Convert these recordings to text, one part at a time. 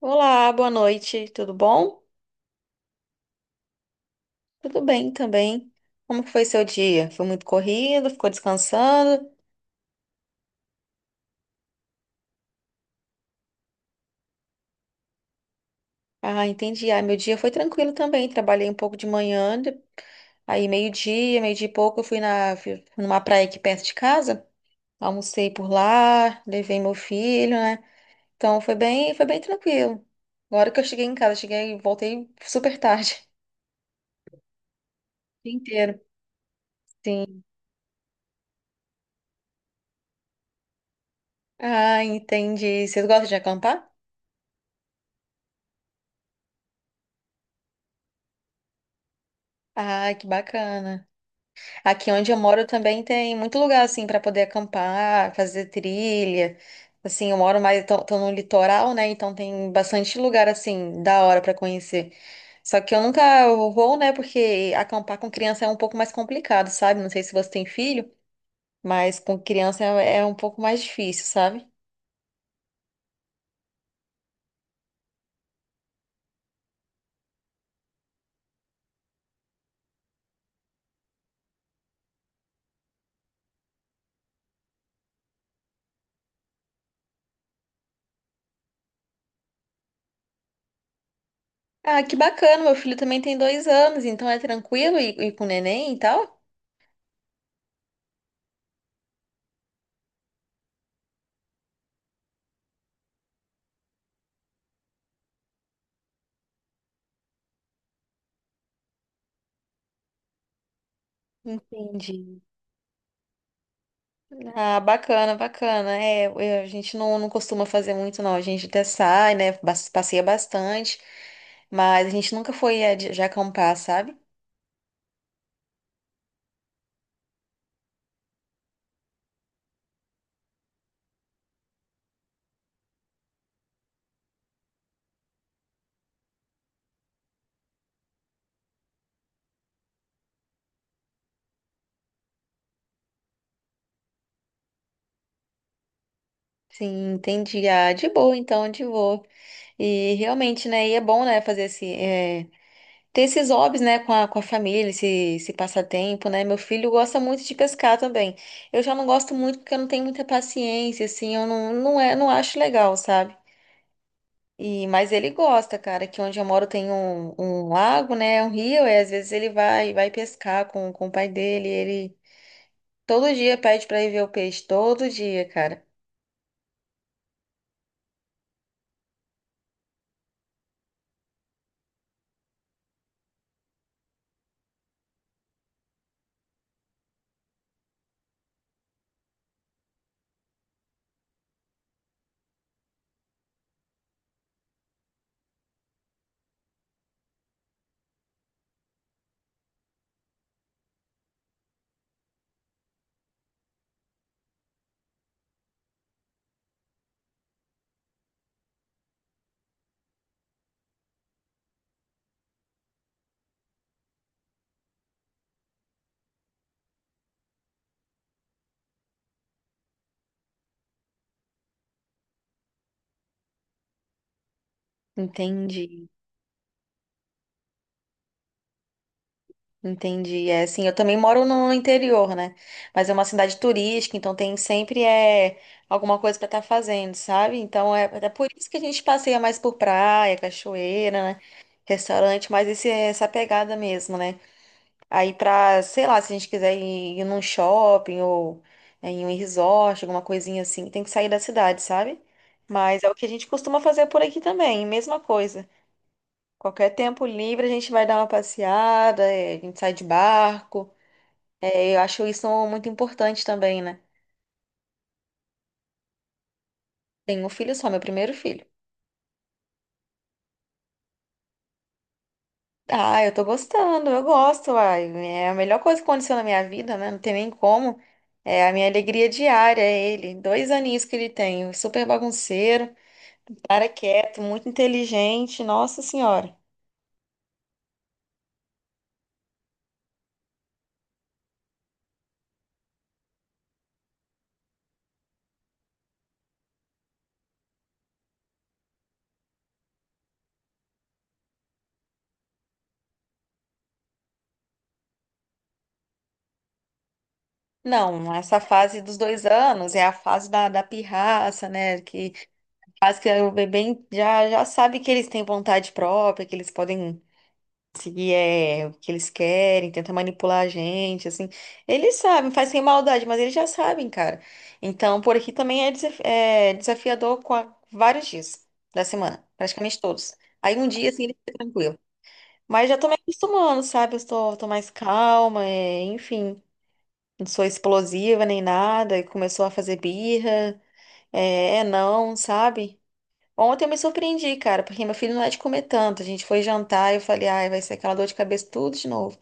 Olá, boa noite, tudo bom? Tudo bem também. Como que foi seu dia? Foi muito corrido? Ficou descansando? Ah, entendi. Ah, meu dia foi tranquilo também. Trabalhei um pouco de manhã, aí meio-dia, meio-dia e pouco, eu fui numa praia aqui perto de casa, almocei por lá, levei meu filho, né? Então foi bem tranquilo. Agora que eu cheguei em casa, voltei super tarde, o dia inteiro. Sim. Ah, entendi. Vocês gostam de acampar? Ah, que bacana. Aqui onde eu moro também tem muito lugar assim para poder acampar, fazer trilha. Assim, eu moro mais tô no litoral, né? Então tem bastante lugar assim da hora para conhecer. Só que eu nunca vou, né? Porque acampar com criança é um pouco mais complicado, sabe? Não sei se você tem filho, mas com criança é um pouco mais difícil, sabe? Ah, que bacana! Meu filho também tem 2 anos, então é tranquilo e com neném e tal. Entendi. Ah, bacana, bacana. É, a gente não, não costuma fazer muito, não. A gente até sai, né? Passeia bastante, mas a gente nunca foi de acampar, sabe? Sim, entendi. Ah, de boa, então, de boa. E realmente, né? E é bom, né? Fazer esse, ter esses hobbies, né? Com a família, esse passatempo, né? Meu filho gosta muito de pescar também. Eu já não gosto muito porque eu não tenho muita paciência, assim. Eu não, não, não acho legal, sabe? E, mas ele gosta, cara, que onde eu moro tem um lago, né? Um rio, e às vezes ele vai pescar com o pai dele. Ele todo dia pede pra ir ver o peixe, todo dia, cara. Entendi, entendi. É assim, eu também moro no interior, né? Mas é uma cidade turística, então tem sempre alguma coisa pra estar fazendo, sabe? Então é por isso que a gente passeia mais por praia, cachoeira, né? Restaurante, mas essa pegada mesmo, né? Aí pra, sei lá, se a gente quiser ir num shopping ou em um resort, alguma coisinha assim, tem que sair da cidade, sabe? Mas é o que a gente costuma fazer por aqui também, mesma coisa. Qualquer tempo livre a gente vai dar uma passeada, a gente sai de barco. É, eu acho isso muito importante também, né? Tenho um filho só, meu primeiro filho. Ah, eu tô gostando, eu gosto, uai. É a melhor coisa que aconteceu na minha vida, né? Não tem nem como. É a minha alegria diária, é ele. 2 aninhos que ele tem, super bagunceiro. Cara quieto, muito inteligente, nossa senhora. Não, essa fase dos 2 anos é a fase da pirraça, né? Que faz que o bebê já sabe que eles têm vontade própria, que eles podem seguir o que eles querem, tentar manipular a gente, assim. Eles sabem, faz sem maldade, mas eles já sabem, cara. Então, por aqui também é desafiador vários dias da semana, praticamente todos. Aí um dia, assim, ele fica tranquilo. Mas já tô me acostumando, sabe? Eu tô mais calma, enfim. Não sou explosiva nem nada. E começou a fazer birra. É, não, sabe? Ontem eu me surpreendi, cara, porque meu filho não é de comer tanto. A gente foi jantar e eu falei, ai, vai ser aquela dor de cabeça tudo de novo.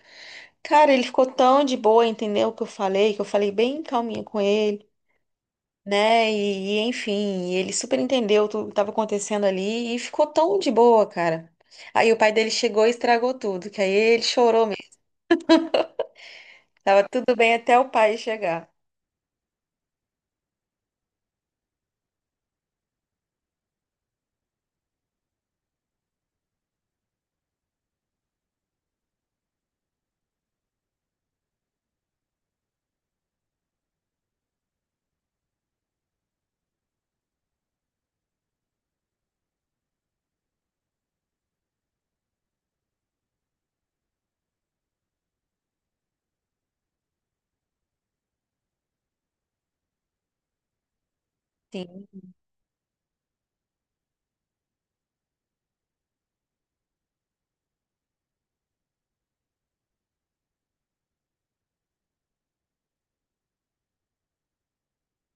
Cara, ele ficou tão de boa, entendeu o que eu falei bem calminha com ele, né? E, enfim, ele super entendeu tudo que estava acontecendo ali e ficou tão de boa, cara. Aí o pai dele chegou e estragou tudo, que aí ele chorou. Tava tudo bem até o pai chegar. Sim.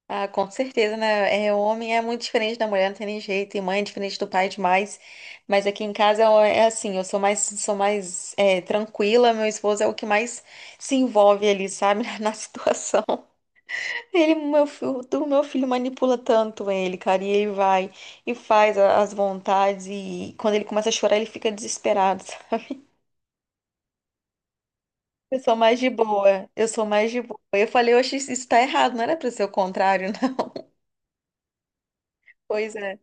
Ah, com certeza, né? É, o homem é muito diferente da mulher, não tem nem jeito. E mãe é diferente do pai demais. Mas aqui em casa é assim, eu sou mais, tranquila. Meu esposo é o que mais se envolve ali, sabe? Na situação. Ele, o meu filho manipula tanto ele, cara. E ele vai e faz as vontades. E quando ele começa a chorar, ele fica desesperado, sabe? Eu sou mais de boa. Eu sou mais de boa. Eu falei, oxe, isso tá errado. Não era pra ser o contrário. Pois é.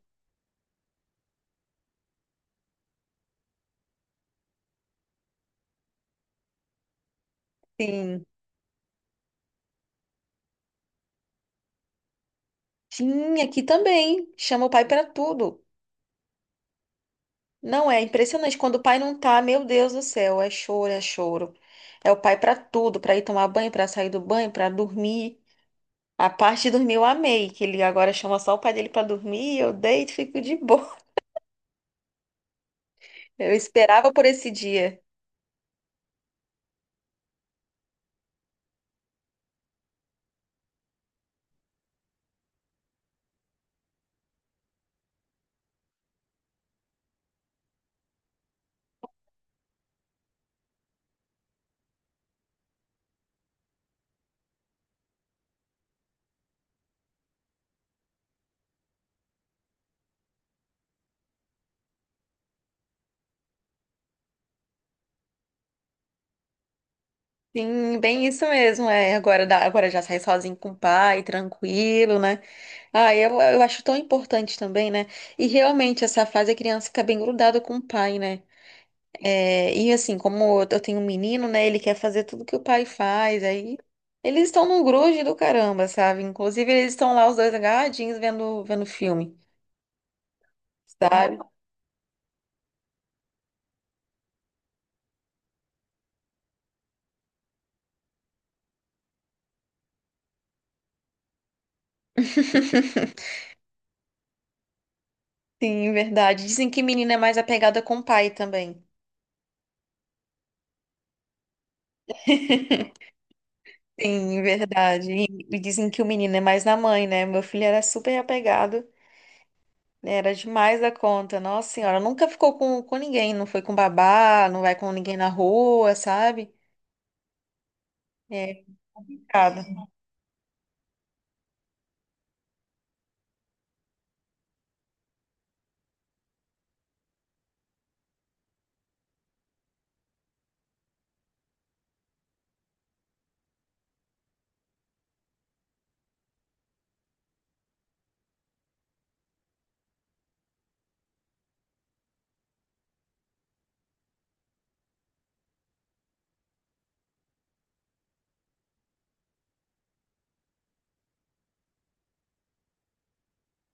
Sim. Sim, aqui também. Chama o pai pra tudo. Não é impressionante. Quando o pai não tá, meu Deus do céu, é choro, é choro. É o pai pra tudo, pra ir tomar banho, pra sair do banho, pra dormir. A parte de dormir eu amei, que ele agora chama só o pai dele pra dormir, eu deito e fico de boa. Eu esperava por esse dia. Sim, bem isso mesmo. É, agora, agora já sai sozinho com o pai, tranquilo, né? Ah, eu acho tão importante também, né? E realmente, essa fase a criança fica bem grudada com o pai, né? É, e assim, como eu tenho um menino, né? Ele quer fazer tudo que o pai faz, aí eles estão num grude do caramba, sabe? Inclusive, eles estão lá os dois agarradinhos vendo filme, sabe? Sim, verdade. Dizem que menina é mais apegada com o pai também. Sim, verdade. E, dizem que o menino é mais na mãe, né? Meu filho era super apegado, né? Era demais da conta. Nossa senhora, nunca ficou com ninguém, não foi com babá, não vai com ninguém na rua, sabe? É, complicado.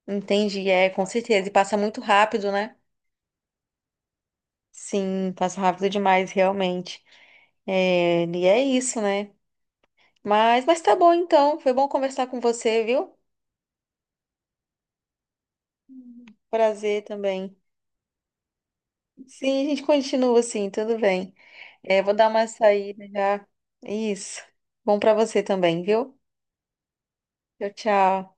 Entendi, é, com certeza. E passa muito rápido, né? Sim, passa rápido demais, realmente. É, e é isso, né? Mas tá bom então. Foi bom conversar com você, viu? Prazer também. Sim, a gente continua assim, tudo bem. É, vou dar uma saída já. Isso. Bom pra você também, viu? Tchau, tchau.